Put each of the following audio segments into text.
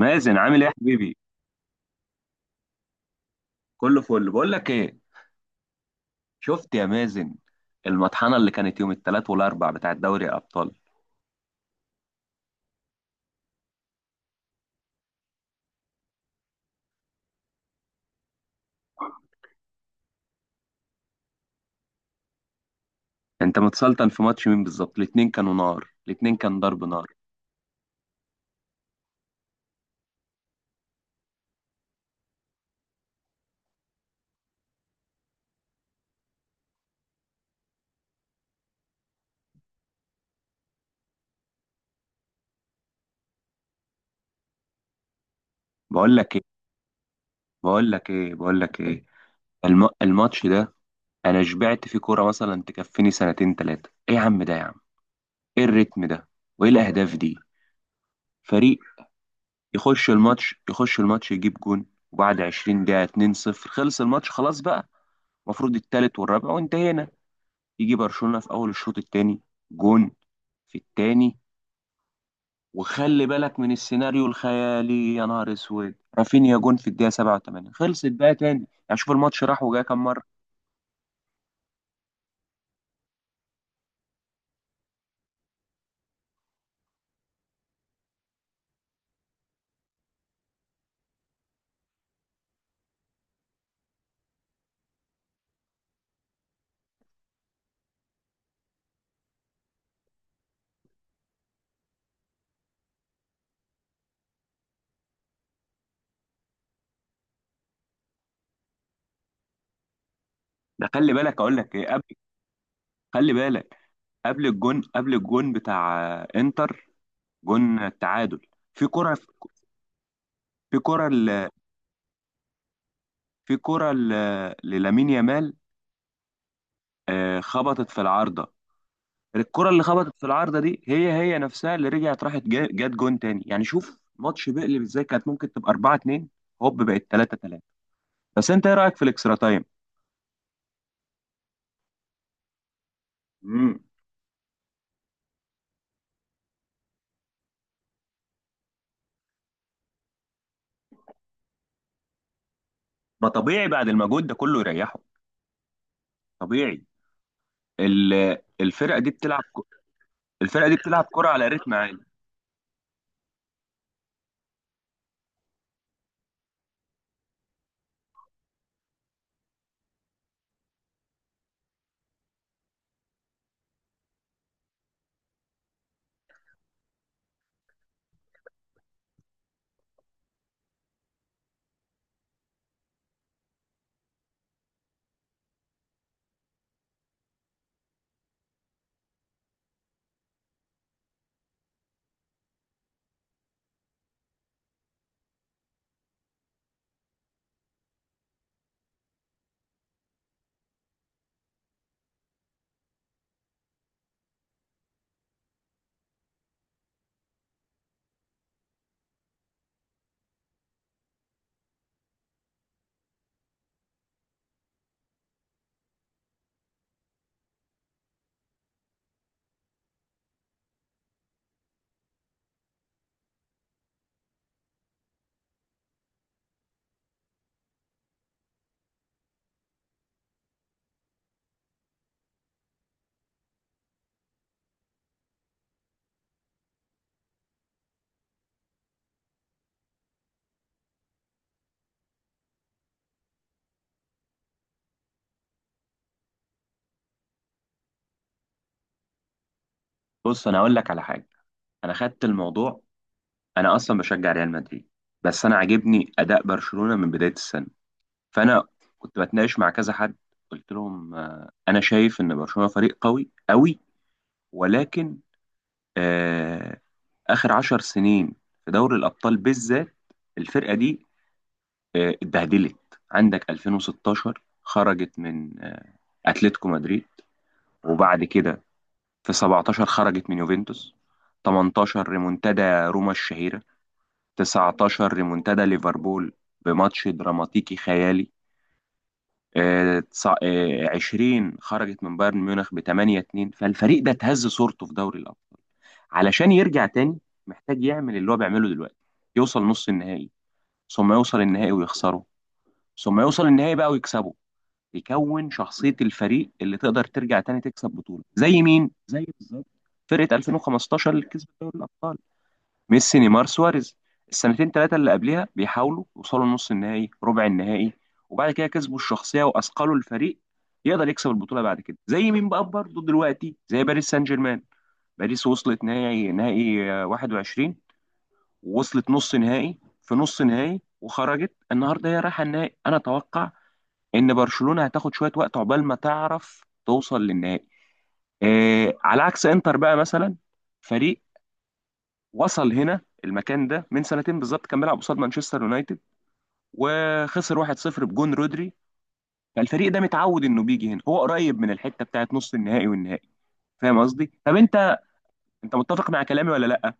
مازن، عامل ايه يا حبيبي؟ كله فل. بقول لك ايه شفت يا مازن المطحنه اللي كانت يوم الثلاث والاربع بتاع دوري الابطال؟ انت متسلطن في ماتش مين بالظبط؟ الاتنين كانوا نار، الاتنين كان ضرب نار. بقول لك ايه بقول لك ايه بقول لك ايه، الماتش ده انا شبعت فيه كوره، مثلا تكفيني سنتين ثلاثه. ايه يا عم ده يا عم، ايه الريتم ده وايه الاهداف دي؟ فريق يخش الماتش يجيب جون، وبعد 20 دقيقه 2-0 خلص الماتش خلاص بقى. المفروض التالت والرابع وانتهينا. يجي برشلونة في اول الشوط الثاني جون، في الثاني، وخلي بالك من السيناريو الخيالي، يا نهار اسود رافينيا جون في الدقيقة 87، خلصت بقى تاني. يعني شوف الماتش راح وجاي كام مرة. ده خلي بالك، اقول لك ايه، قبل، خلي بالك، قبل الجون بتاع انتر، جون التعادل، في كرة في كرة ل- في كرة ل- للامين يامال، خبطت في العارضة. الكرة اللي خبطت في العارضة دي هي نفسها اللي رجعت، راحت جت جون تاني. يعني شوف ماتش بيقلب ازاي، كانت ممكن تبقى 4-2 هوب بقت 3-3. بس انت ايه رأيك في الاكسترا تايم؟ امم ما طبيعي، بعد المجهود ده كله يريحه، طبيعي. ال- الفرقة دي بتلعب ك- الفرقة دي بتلعب كرة على رتم عالي. بص انا اقول لك على حاجة. انا خدت الموضوع، انا اصلا بشجع ريال مدريد، بس انا عاجبني اداء برشلونة من بداية السنة. فانا كنت بتناقش مع كذا حد، قلت لهم انا شايف ان برشلونه فريق قوي قوي. ولكن آه، آخر 10 سنين في دوري الأبطال بالذات، الفرقة دي اتبهدلت. عندك 2016 خرجت من أتلتيكو مدريد. وبعد كده في 17 خرجت من يوفنتوس. 18 ريمونتادا روما الشهيرة. 19 ريمونتادا ليفربول بماتش دراماتيكي خيالي. 20 خرجت من بايرن ميونخ ب 8-2. فالفريق ده اتهز صورته في دوري الأبطال. علشان يرجع تاني محتاج يعمل اللي هو بيعمله دلوقتي، يوصل نص النهائي، ثم يوصل النهائي ويخسره، ثم يوصل النهائي بقى ويكسبه، يكون شخصية الفريق اللي تقدر ترجع تاني تكسب بطولة. زي مين؟ زي بالظبط فرقة 2015 اللي كسبت دوري الأبطال، ميسي، نيمار، سواريز. السنتين ثلاثة اللي قبلها بيحاولوا يوصلوا نص النهائي، ربع النهائي، وبعد كده كسبوا الشخصية وأثقلوا الفريق يقدر يكسب البطولة بعد كده. زي مين بقى برضه دلوقتي؟ زي باريس سان جيرمان. باريس وصلت نهائي، 21، ووصلت نص نهائي في نص نهائي، وخرجت النهارده هي رايحه النهائي. انا اتوقع ان برشلونه هتاخد شويه وقت عقبال ما تعرف توصل للنهائي. آه، على عكس انتر بقى مثلا، فريق وصل هنا المكان ده من سنتين بالظبط، كان بيلعب قصاد مانشستر يونايتد وخسر 1-0 بجون رودري. فالفريق ده متعود انه بيجي هنا، هو قريب من الحته بتاعت نص النهائي والنهائي. فاهم قصدي؟ طب انت متفق مع كلامي ولا لا؟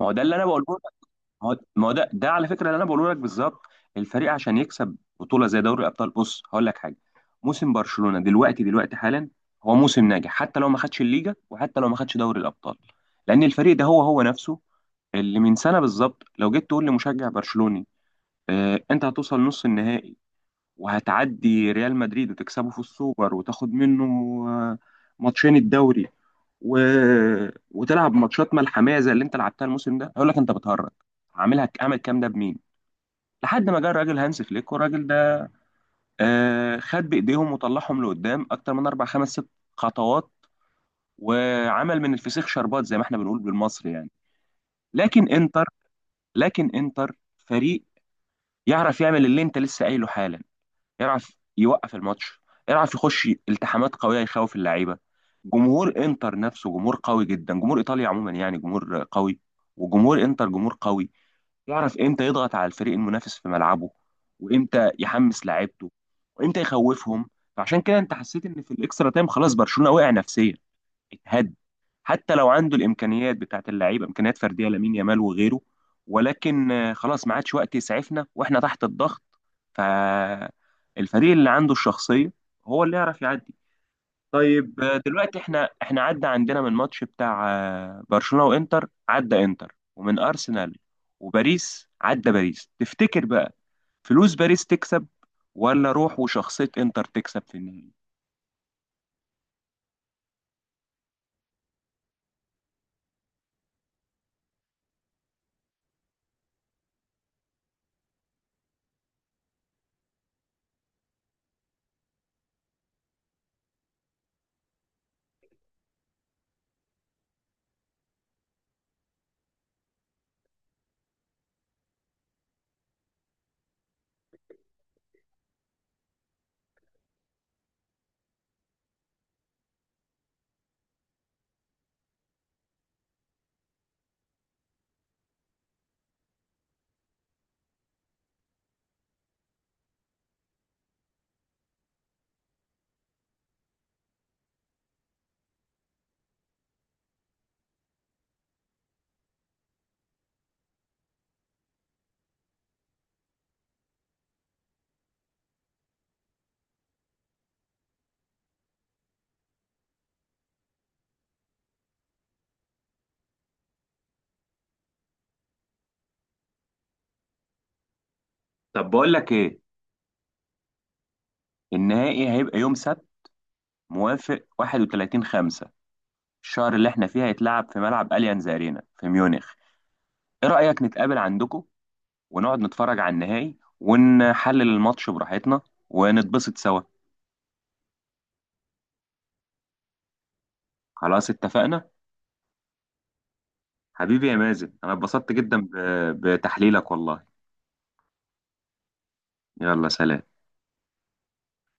ما هو ده اللي انا بقوله. ما هو ده على فكره اللي انا بقوله لك بالظبط. الفريق عشان يكسب بطوله زي دوري الابطال، بص هقول لك حاجه، موسم برشلونه دلوقتي حالا، هو موسم ناجح حتى لو ما خدش الليجا وحتى لو ما خدش دوري الابطال. لان الفريق ده هو نفسه اللي من سنه بالظبط لو جيت تقول لمشجع برشلوني آه انت هتوصل نص النهائي وهتعدي ريال مدريد وتكسبه في السوبر وتاخد منه آه، ماتشين الدوري و... وتلعب ماتشات ملحميه زي اللي انت لعبتها الموسم ده، هيقول لك انت بتهرج، عاملها اعمل الكلام ده بمين؟ لحد ما جه الراجل هانس فليك، والراجل ده خد بايديهم وطلعهم لقدام اكتر من اربع خمس ست خطوات، وعمل من الفسيخ شربات زي ما احنا بنقول بالمصري يعني. لكن انتر لكن انتر فريق يعرف يعمل اللي انت لسه قايله حالا، يعرف يوقف الماتش، يعرف يخش التحامات قويه، يخوف اللعيبه. جمهور انتر نفسه جمهور قوي جدا، جمهور ايطاليا عموما يعني جمهور قوي، وجمهور انتر جمهور قوي. يعرف امتى يضغط على الفريق المنافس في ملعبه، وامتى يحمس لعيبته، وامتى يخوفهم. فعشان كده انت حسيت ان في الاكسترا تايم خلاص برشلونه وقع نفسيا، هد. حتى لو عنده الامكانيات بتاعت اللعيبه، امكانيات فرديه لامين يامال وغيره، ولكن خلاص، ما عادش وقت يسعفنا واحنا تحت الضغط. فالفريق اللي عنده الشخصيه هو اللي يعرف يعدي. طيب، دلوقتي احنا عدى عندنا من ماتش بتاع برشلونه وانتر، عدى انتر، ومن ارسنال وباريس، عدى باريس. تفتكر بقى فلوس باريس تكسب، ولا روح وشخصيه انتر تكسب في النهائي؟ طب بقول لك ايه، النهائي هيبقى يوم سبت، موافق 31/5 الشهر اللي احنا فيه، هيتلعب في ملعب أليانز أرينا في ميونخ. ايه رأيك نتقابل عندكم، ونقعد نتفرج على النهائي ونحلل الماتش براحتنا ونتبسط سوا؟ خلاص، اتفقنا. حبيبي يا مازن، انا اتبسطت جدا بتحليلك والله. يلا سلام.